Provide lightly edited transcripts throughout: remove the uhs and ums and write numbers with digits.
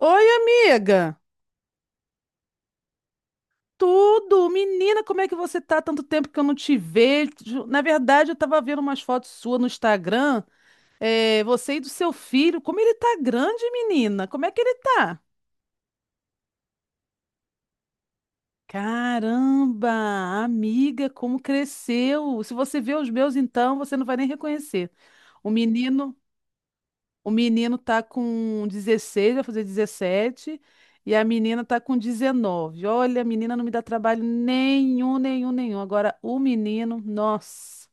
Oi, amiga! Tudo! Menina, como é que você tá? Tanto tempo que eu não te vejo. Na verdade, eu tava vendo umas fotos suas no Instagram. É, você e do seu filho. Como ele tá grande, menina! Como é que ele tá? Caramba! Amiga, como cresceu! Se você vê os meus, então, você não vai nem reconhecer. O menino. O menino tá com 16, vai fazer 17, e a menina tá com 19. Olha, a menina não me dá trabalho nenhum, nenhum, nenhum. Agora, o menino, nossa,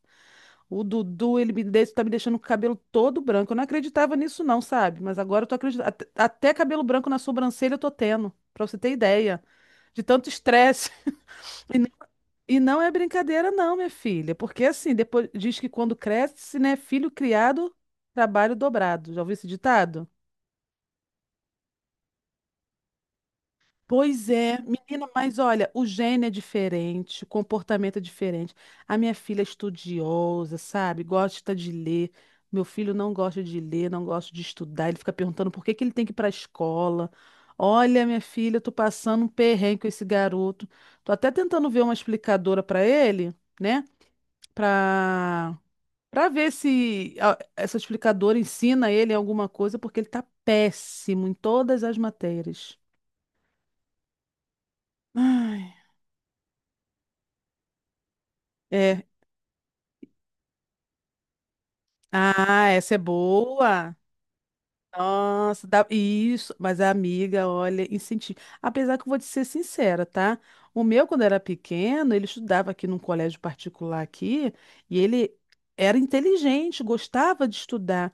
o Dudu, ele me deixa, tá me deixando com o cabelo todo branco. Eu não acreditava nisso, não, sabe? Mas agora eu tô acreditando. Até cabelo branco na sobrancelha eu tô tendo, pra você ter ideia. De tanto estresse. E, n- e não é brincadeira, não, minha filha. Porque assim, depois diz que quando cresce, né, filho criado, trabalho dobrado. Já ouviu esse ditado? Pois é, menina, mas olha, o gene é diferente, o comportamento é diferente. A minha filha é estudiosa, sabe? Gosta de ler. Meu filho não gosta de ler, não gosta de estudar. Ele fica perguntando por que que ele tem que ir para a escola. Olha, minha filha, eu tô passando um perrengue com esse garoto. Tô até tentando ver uma explicadora para ele, né? Para para ver se essa explicadora ensina ele alguma coisa, porque ele tá péssimo em todas as matérias. Ai. É. Ah, essa é boa. Nossa, dá isso. Mas a amiga, olha, incentivo. Apesar que eu vou te ser sincera, tá? O meu, quando era pequeno, ele estudava aqui num colégio particular aqui e ele era inteligente, gostava de estudar.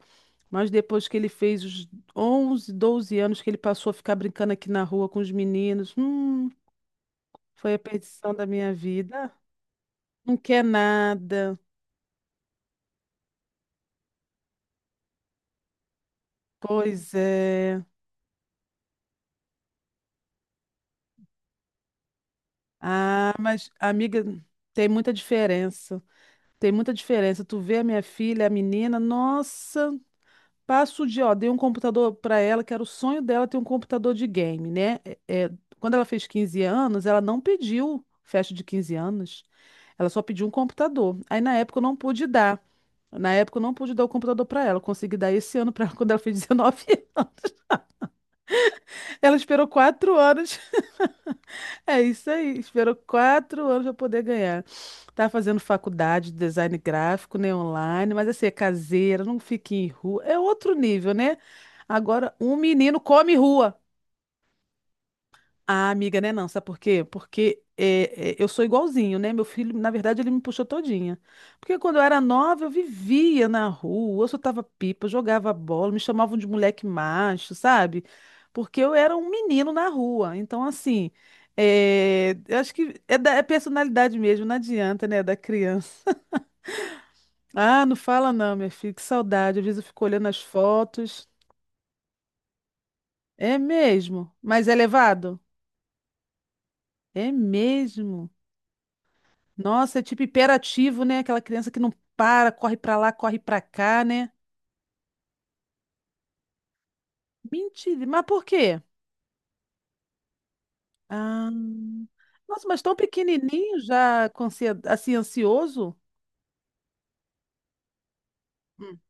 Mas depois que ele fez os 11, 12 anos que ele passou a ficar brincando aqui na rua com os meninos, foi a perdição da minha vida. Não quer nada. Pois é. Ah, mas amiga, tem muita diferença. Tem muita diferença. Tu vê a minha filha, a menina, nossa, passo o dia, ó, dei um computador pra ela, que era o sonho dela ter um computador de game, né? É, quando ela fez 15 anos, ela não pediu festa de 15 anos. Ela só pediu um computador. Aí na época eu não pude dar. Na época eu não pude dar o computador pra ela. Eu consegui dar esse ano pra ela quando ela fez 19 anos. Ela esperou 4 anos. É isso aí. Esperou quatro anos para poder ganhar. Tá fazendo faculdade de design gráfico, né, online, mas assim, é caseira, não fica em rua. É outro nível, né? Agora, um menino come rua. Ah, amiga, né? Não, sabe por quê? Porque eu sou igualzinho, né? Meu filho, na verdade, ele me puxou todinha. Porque quando eu era nova, eu vivia na rua, eu soltava pipa, eu jogava bola, me chamavam de moleque macho, sabe? Porque eu era um menino na rua. Então, assim, eu acho que é da é personalidade mesmo, não adianta, né? Da criança. Ah, não fala não, minha filha, que saudade. Às vezes eu fico olhando as fotos. É mesmo? Mas é levado? É mesmo? Nossa, é tipo hiperativo, né? Aquela criança que não para, corre pra lá, corre pra cá, né? Mentira, mas por quê? Ah, nossa, mas tão pequenininho já, com assim, ansioso? Hum.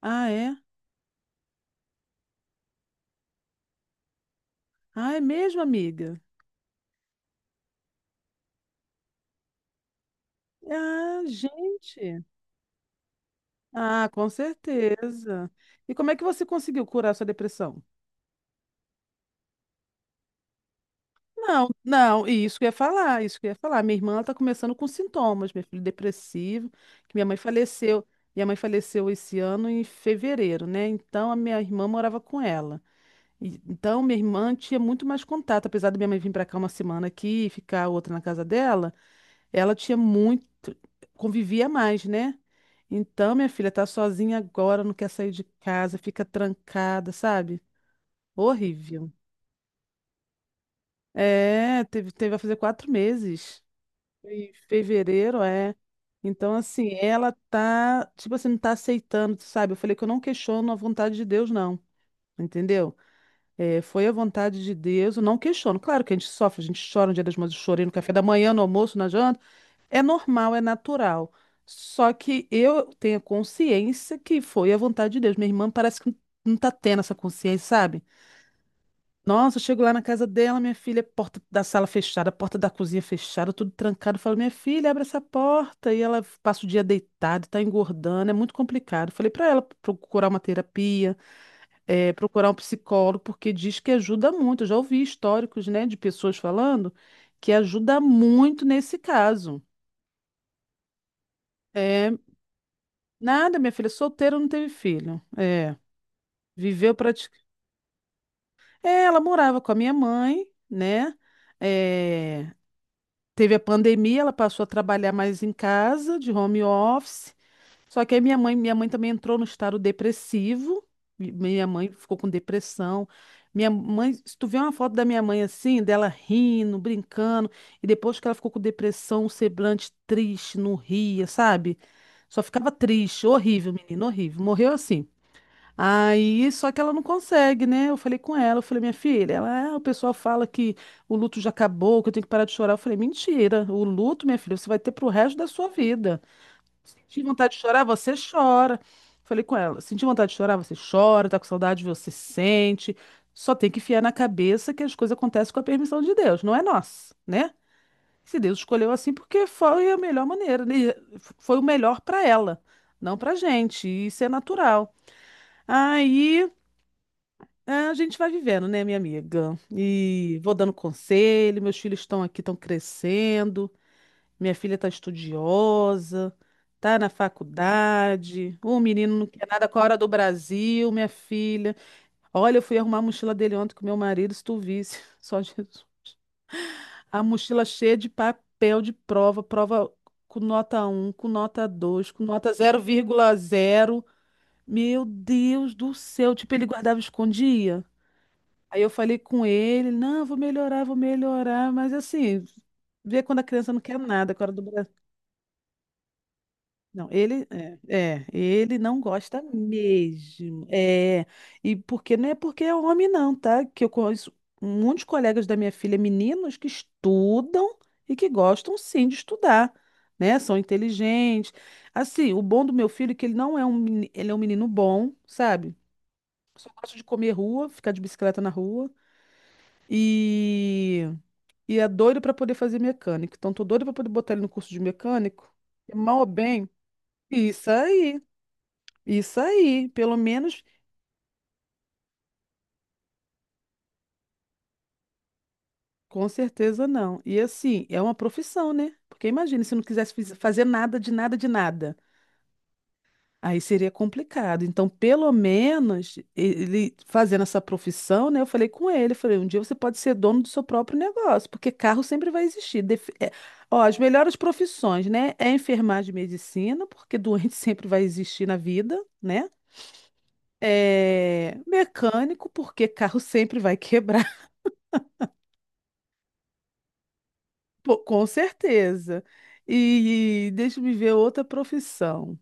Ah, é? Ah, é mesmo, amiga? Ah, gente. Ah, com certeza. E como é que você conseguiu curar sua depressão? Não, não, e isso que eu ia falar, isso que eu ia falar. Minha irmã está começando com sintomas, meu filho depressivo, que minha mãe faleceu. Minha mãe faleceu esse ano em fevereiro, né? Então a minha irmã morava com ela. Então minha irmã tinha muito mais contato, apesar da minha mãe vir para cá uma semana aqui e ficar outra na casa dela, ela tinha muito, convivia mais, né? Então minha filha tá sozinha agora, não quer sair de casa, fica trancada, sabe? Horrível. É, teve a fazer 4 meses. Em fevereiro, é. Então, assim, ela tá, tipo assim, não tá aceitando, sabe? Eu falei que eu não questiono a vontade de Deus, não. Entendeu? É, foi a vontade de Deus, eu não questiono. Claro que a gente sofre, a gente chora no Dia das Mães, eu chorei no café da manhã, no almoço, na janta. É normal, é natural. Só que eu tenho a consciência que foi a vontade de Deus. Minha irmã parece que não tá tendo essa consciência, sabe? Nossa, eu chego lá na casa dela, minha filha, porta da sala fechada, porta da cozinha fechada, tudo trancado. Eu falo, minha filha, abre essa porta. E ela passa o dia deitada, tá engordando, é muito complicado. Falei pra ela procurar uma terapia, procurar um psicólogo, porque diz que ajuda muito. Eu já ouvi históricos, né, de pessoas falando que ajuda muito nesse caso. É, nada, minha filha, solteira não teve filho. É, viveu praticamente. É, ela morava com a minha mãe, né? É, Teve a pandemia, ela passou a trabalhar mais em casa, de home office. Só que aí minha mãe também entrou no estado depressivo. Minha mãe ficou com depressão. Minha mãe, se tu vê uma foto da minha mãe assim, dela rindo, brincando, e depois que ela ficou com depressão, um semblante triste, não ria, sabe? Só ficava triste, horrível, menino, horrível. Morreu assim. Aí, só que ela não consegue, né? Eu falei com ela, eu falei, minha filha, ela, ah, o pessoal fala que o luto já acabou, que eu tenho que parar de chorar. Eu falei, mentira, o luto, minha filha, você vai ter pro resto da sua vida. Se vontade de chorar, você chora. Falei com ela, senti vontade de chorar, você chora, tá com saudade, você sente. Só tem que enfiar na cabeça que as coisas acontecem com a permissão de Deus, não é nossa, né? Se Deus escolheu assim, porque foi a melhor maneira, né? Foi o melhor para ela, não pra gente. Isso é natural. Aí. É, a gente vai vivendo, né, minha amiga? E vou dando conselho, meus filhos estão aqui, estão crescendo, minha filha está estudiosa, tá na faculdade, o menino não quer nada com a hora do Brasil, minha filha. Olha, eu fui arrumar a mochila dele ontem com meu marido, se tu visse, só Jesus. A mochila cheia de papel de prova com nota 1, com nota 2, com nota 0,0. Meu Deus do céu, tipo, ele guardava e escondia. Aí eu falei com ele, não, vou melhorar, mas assim, vê quando a criança não quer nada, agora do Brasil. Não, ele não gosta mesmo. E porque não é porque é homem, não, tá? Que eu conheço muitos colegas da minha filha, meninos que estudam e que gostam sim de estudar, né? São inteligentes. Assim, o bom do meu filho é que ele não é um, meni- ele é um menino bom, sabe? Só gosta de comer rua, ficar de bicicleta na rua. E E é doido para poder fazer mecânico. Então, tô doido para poder botar ele no curso de mecânico. E mal ou bem, isso aí, isso aí. Pelo menos, com certeza não. E assim, é uma profissão, né? Porque imagina se não quisesse fazer nada de nada de nada. Aí seria complicado. Então, pelo menos, ele fazendo essa profissão, né? Eu falei com ele, eu falei, um dia você pode ser dono do seu próprio negócio, porque carro sempre vai existir. Ó, as melhores profissões, né? É enfermagem e medicina, porque doente sempre vai existir na vida, né? É mecânico, porque carro sempre vai quebrar, pô, com certeza. E deixa eu me ver outra profissão.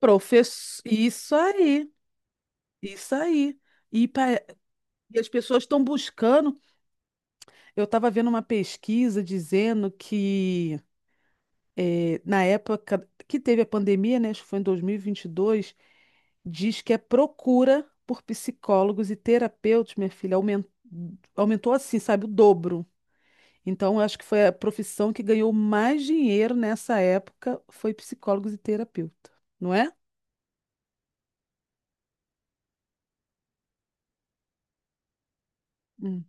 Professor, isso aí, isso aí. E pa- E as pessoas estão buscando. Eu estava vendo uma pesquisa dizendo que na época que teve a pandemia, né, acho que foi em dois mil e vinte e dois diz que a procura por psicólogos e terapeutas, minha filha, aumentou assim, sabe, o dobro. Então, eu acho que foi a profissão que ganhou mais dinheiro nessa época, foi psicólogos e terapeuta, não é? Hum.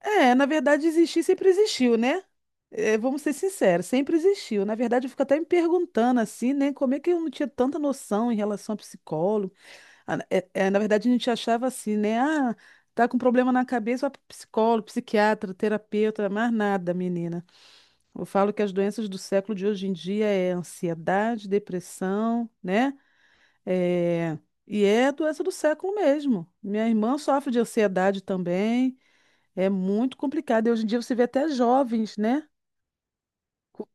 É, na verdade, existir sempre existiu, né? É, vamos ser sinceros, sempre existiu. Na verdade, eu fico até me perguntando assim, né? Como é que eu não tinha tanta noção em relação a psicólogo? Na verdade, a gente achava assim, né? Ah, tá com problema na cabeça, vai pro psicólogo, psiquiatra, terapeuta, mais nada, menina. Eu falo que as doenças do século de hoje em dia é ansiedade, depressão, né? É, e é doença do século mesmo. Minha irmã sofre de ansiedade também. É muito complicado. E hoje em dia você vê até jovens, né? Com-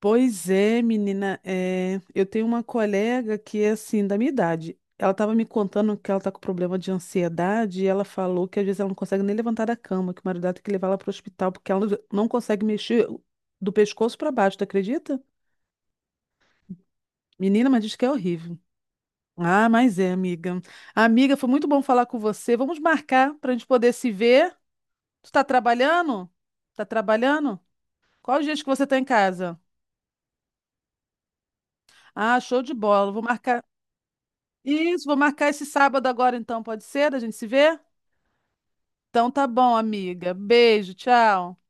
Pois é, menina. Eu tenho uma colega que é assim, da minha idade. Ela estava me contando que ela está com problema de ansiedade e ela falou que às vezes ela não consegue nem levantar da cama, que o marido dela tem que levar ela para o hospital porque ela não consegue mexer do pescoço para baixo, tu acredita? Menina, mas diz que é horrível. Ah, mas é, amiga. Amiga, foi muito bom falar com você. Vamos marcar para a gente poder se ver. Tu tá trabalhando? Tá trabalhando? Qual os dias que você está em casa? Ah, show de bola. Vou marcar. Isso, vou marcar esse sábado agora então, pode ser? A gente se vê? Então tá bom, amiga. Beijo, tchau.